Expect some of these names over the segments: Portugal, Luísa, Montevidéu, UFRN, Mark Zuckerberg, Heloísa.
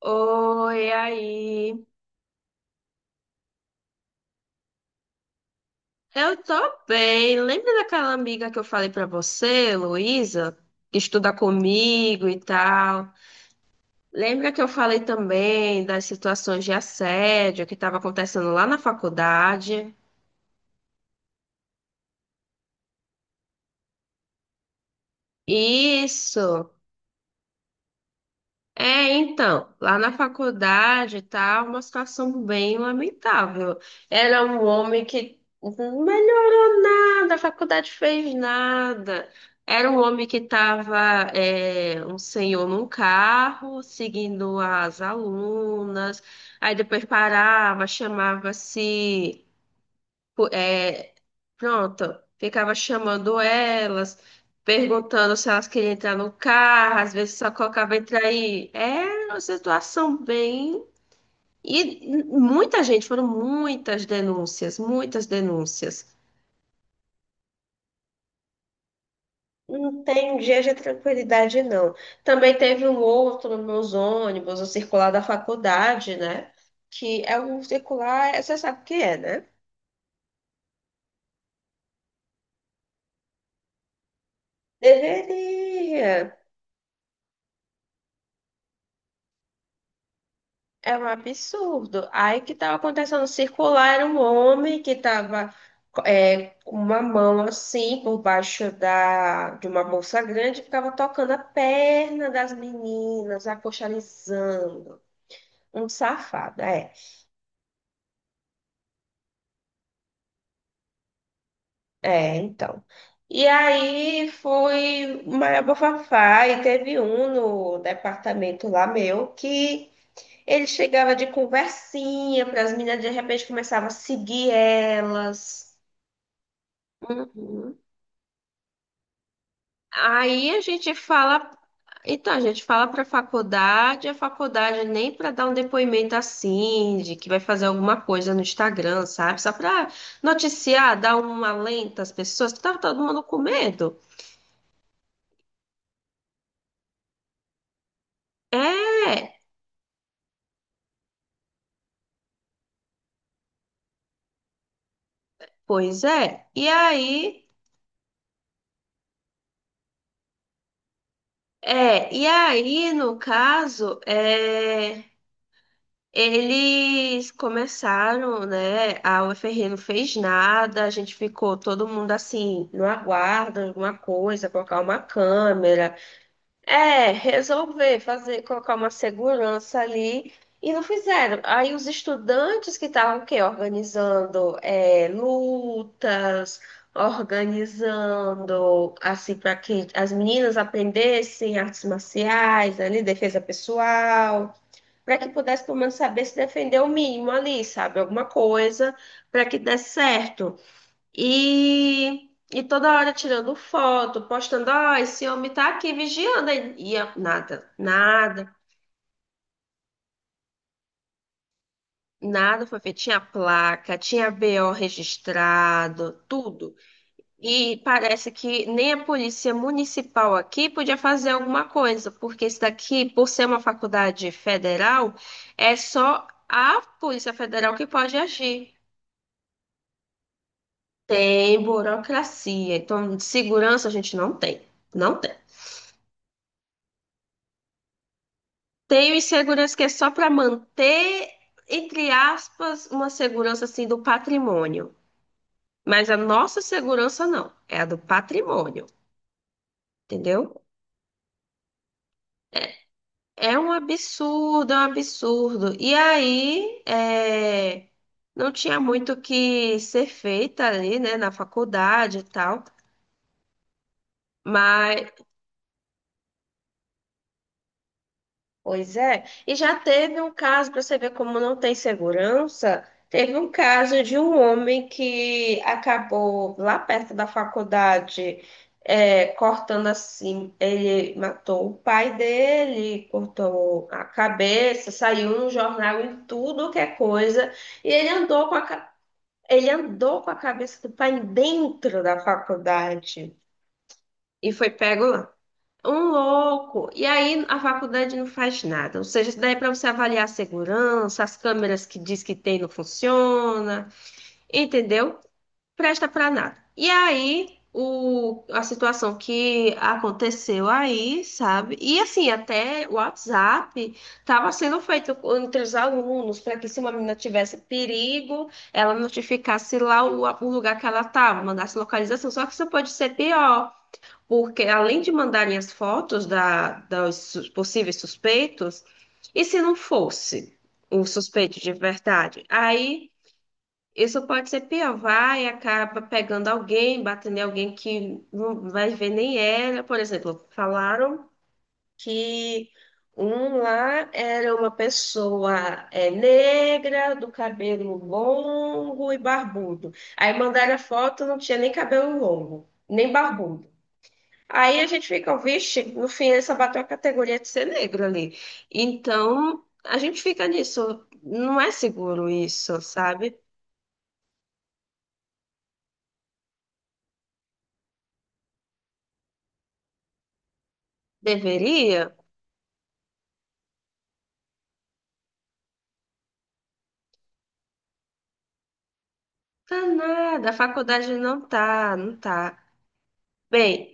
Oi, aí. Eu tô bem. Lembra daquela amiga que eu falei pra você, Luísa, que estuda comigo e tal? Lembra que eu falei também das situações de assédio que estava acontecendo lá na faculdade? Isso. É, então, lá na faculdade tá uma situação bem lamentável. Era um homem que não melhorou nada, a faculdade fez nada. Era um homem que estava, um senhor num carro, seguindo as alunas, aí depois parava, chamava-se é, pronto, ficava chamando elas, perguntando se elas queriam entrar no carro, às vezes só colocava entrar aí. Era uma situação bem. E muita gente, foram muitas denúncias, muitas denúncias. Não tem dia de tranquilidade, não. Também teve um outro nos meus ônibus, o circular da faculdade, né? Que é um circular, você sabe o que é, né? Deveria. É um absurdo. Aí o que estava acontecendo circular era um homem que estava com uma mão assim por baixo da, de uma bolsa grande, ficava tocando a perna das meninas, acochalizando. Um safado, é. É, então. E aí foi o maior bafafá e teve um no departamento lá meu que ele chegava de conversinha para as meninas, de repente começava a seguir elas. Uhum. Aí a gente fala, então a gente fala para a faculdade nem para dar um depoimento assim, de que vai fazer alguma coisa no Instagram, sabe? Só para noticiar, dar um alento às pessoas, que tava todo mundo com medo. É, pois é. E aí, no caso, Eles começaram, né? A UFRN não fez nada, a gente ficou todo mundo assim, no aguardo, alguma coisa, colocar uma câmera. É, resolver fazer, colocar uma segurança ali. E não fizeram. Aí os estudantes que estavam o quê? Organizando lutas, organizando assim para que as meninas aprendessem artes marciais, ali, defesa pessoal para que pudesse pelo menos saber se defender o mínimo ali, sabe? Alguma coisa para que desse certo. E toda hora tirando foto, postando, ó, esse homem tá aqui vigiando. E nada, nada, nada foi feito. Tinha placa, tinha BO registrado, tudo. E parece que nem a polícia municipal aqui podia fazer alguma coisa, porque isso daqui, por ser uma faculdade federal, é só a Polícia Federal que pode agir. Tem burocracia. Então, de segurança a gente não tem. Não tem. Tem o insegurança que é só para manter, entre aspas, uma segurança assim do patrimônio. Mas a nossa segurança não, é a do patrimônio, entendeu? É um absurdo, é um absurdo. E aí, não tinha muito o que ser feito ali, né, na faculdade e tal. Mas pois é. E já teve um caso, para você ver como não tem segurança, teve um caso de um homem que acabou lá perto da faculdade, cortando assim. Ele matou o pai dele, cortou a cabeça, saiu no jornal em tudo que é coisa. E ele andou com a cabeça do pai dentro da faculdade. E foi pego lá. Um louco. E aí a faculdade não faz nada. Ou seja, isso daí é para você avaliar a segurança, as câmeras que diz que tem não funciona, entendeu? Presta para nada. E aí a situação que aconteceu aí, sabe? E assim, até o WhatsApp estava sendo feito entre os alunos para que se uma menina tivesse perigo, ela notificasse lá o lugar que ela estava, mandasse localização. Só que isso pode ser pior porque além de mandarem as fotos dos possíveis suspeitos, e se não fosse o suspeito de verdade? Aí isso pode ser pior, vai e acaba pegando alguém, batendo em alguém que não vai ver nem ela. Por exemplo, falaram que um lá era uma pessoa negra, do cabelo longo e barbudo. Aí mandaram a foto, não tinha nem cabelo longo, nem barbudo. Aí a gente fica, vixe, no fim ele só bateu a categoria de ser negro ali. Então, a gente fica nisso. Não é seguro isso, sabe? Deveria? Tá nada, a faculdade não tá, não tá. Bem,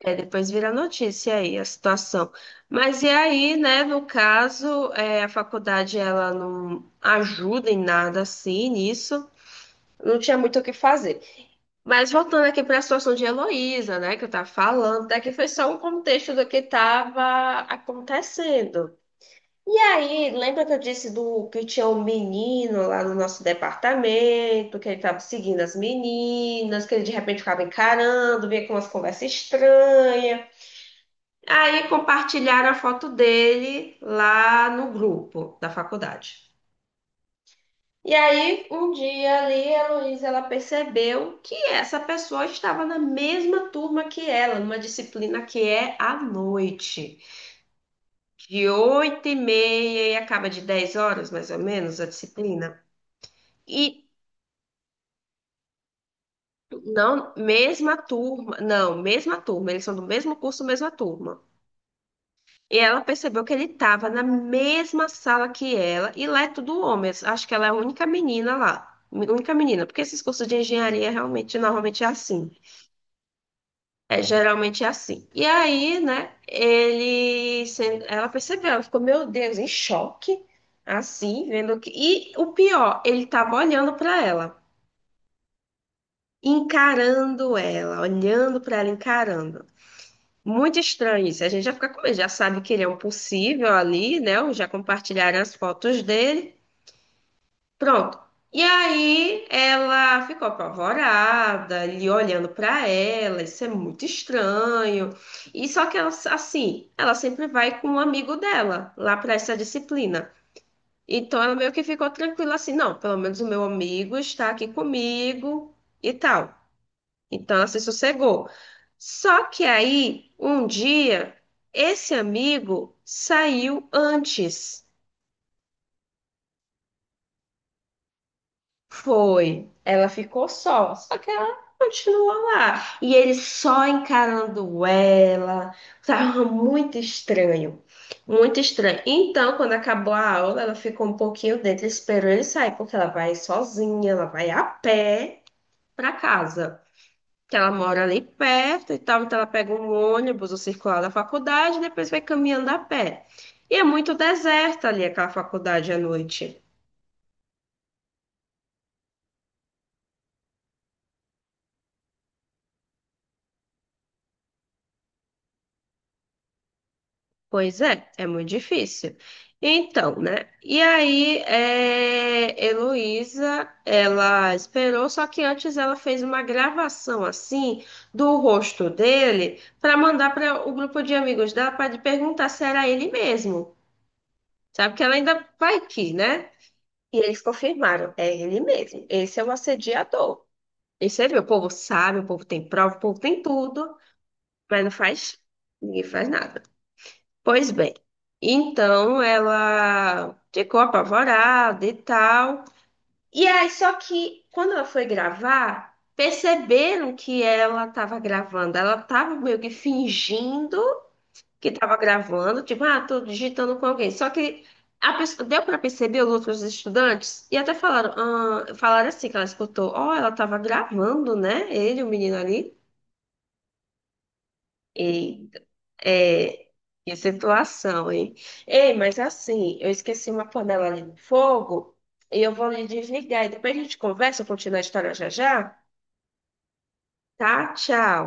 depois vira notícia aí a situação. Mas e aí, né, no caso, a faculdade ela não ajuda em nada assim nisso, não tinha muito o que fazer. Mas voltando aqui para a situação de Heloísa, né, que eu estava falando, daqui foi só um contexto do que estava acontecendo. E aí, lembra que eu disse do que tinha um menino lá no nosso departamento, que ele estava seguindo as meninas, que ele de repente ficava encarando, vinha com umas conversas estranhas. Aí compartilharam a foto dele lá no grupo da faculdade. E aí, um dia ali, a Heloísa, ela percebeu que essa pessoa estava na mesma turma que ela, numa disciplina que é à noite, de 8h30 e acaba de 10 horas, mais ou menos, a disciplina. E não, mesma turma, não, mesma turma, eles são do mesmo curso, mesma turma. E ela percebeu que ele estava na mesma sala que ela, e lá é tudo homens, acho que ela é a única menina lá. Única menina, porque esses cursos de engenharia realmente normalmente é assim. É, geralmente é assim. E aí, né, ela percebeu, ela ficou, meu Deus, em choque, assim, vendo que. E o pior, ele tava olhando para ela, encarando ela, olhando para ela, encarando. Muito estranho isso. A gente já fica com medo, já sabe que ele é um possível ali, né? Já compartilharam as fotos dele. Pronto. E aí ela ficou apavorada, ele olhando pra ela, isso é muito estranho. E só que ela, assim, ela sempre vai com um amigo dela lá pra essa disciplina. Então ela meio que ficou tranquila assim, não, pelo menos o meu amigo está aqui comigo e tal. Então ela se sossegou. Só que aí, um dia, esse amigo saiu antes. Foi. Ela ficou só, só que ela continuou lá. E ele só encarando ela. Tava muito estranho. Muito estranho. Então, quando acabou a aula, ela ficou um pouquinho dentro, esperou ele sair, porque ela vai sozinha, ela vai a pé para casa. Que ela mora ali perto e tal, então ela pega um ônibus, o circular da faculdade, e depois vai caminhando a pé. E é muito deserta ali aquela faculdade à noite. Pois é, é muito difícil. Então, né? E aí, Heloísa, ela esperou, só que antes ela fez uma gravação assim do rosto dele para mandar para o grupo de amigos dela para perguntar se era ele mesmo. Sabe que ela ainda vai que, né? E eles confirmaram, é ele mesmo. Esse é o assediador. E você vê, o povo sabe, o povo tem prova, o povo tem tudo, mas não faz, ninguém faz nada. Pois bem, então ela ficou apavorada e tal. E aí, só que quando ela foi gravar, perceberam que ela estava gravando. Ela estava meio que fingindo que estava gravando, tipo, ah, tô digitando com alguém. Só que a pessoa, deu para perceber os outros estudantes e até falaram assim que ela escutou, ó, ela estava gravando, né? Ele, o menino ali. Eita. É, que situação, hein? Ei, mas assim, eu esqueci uma panela ali no fogo e eu vou lhe desligar. E depois a gente conversa, continua a história já já, tá? Tchau.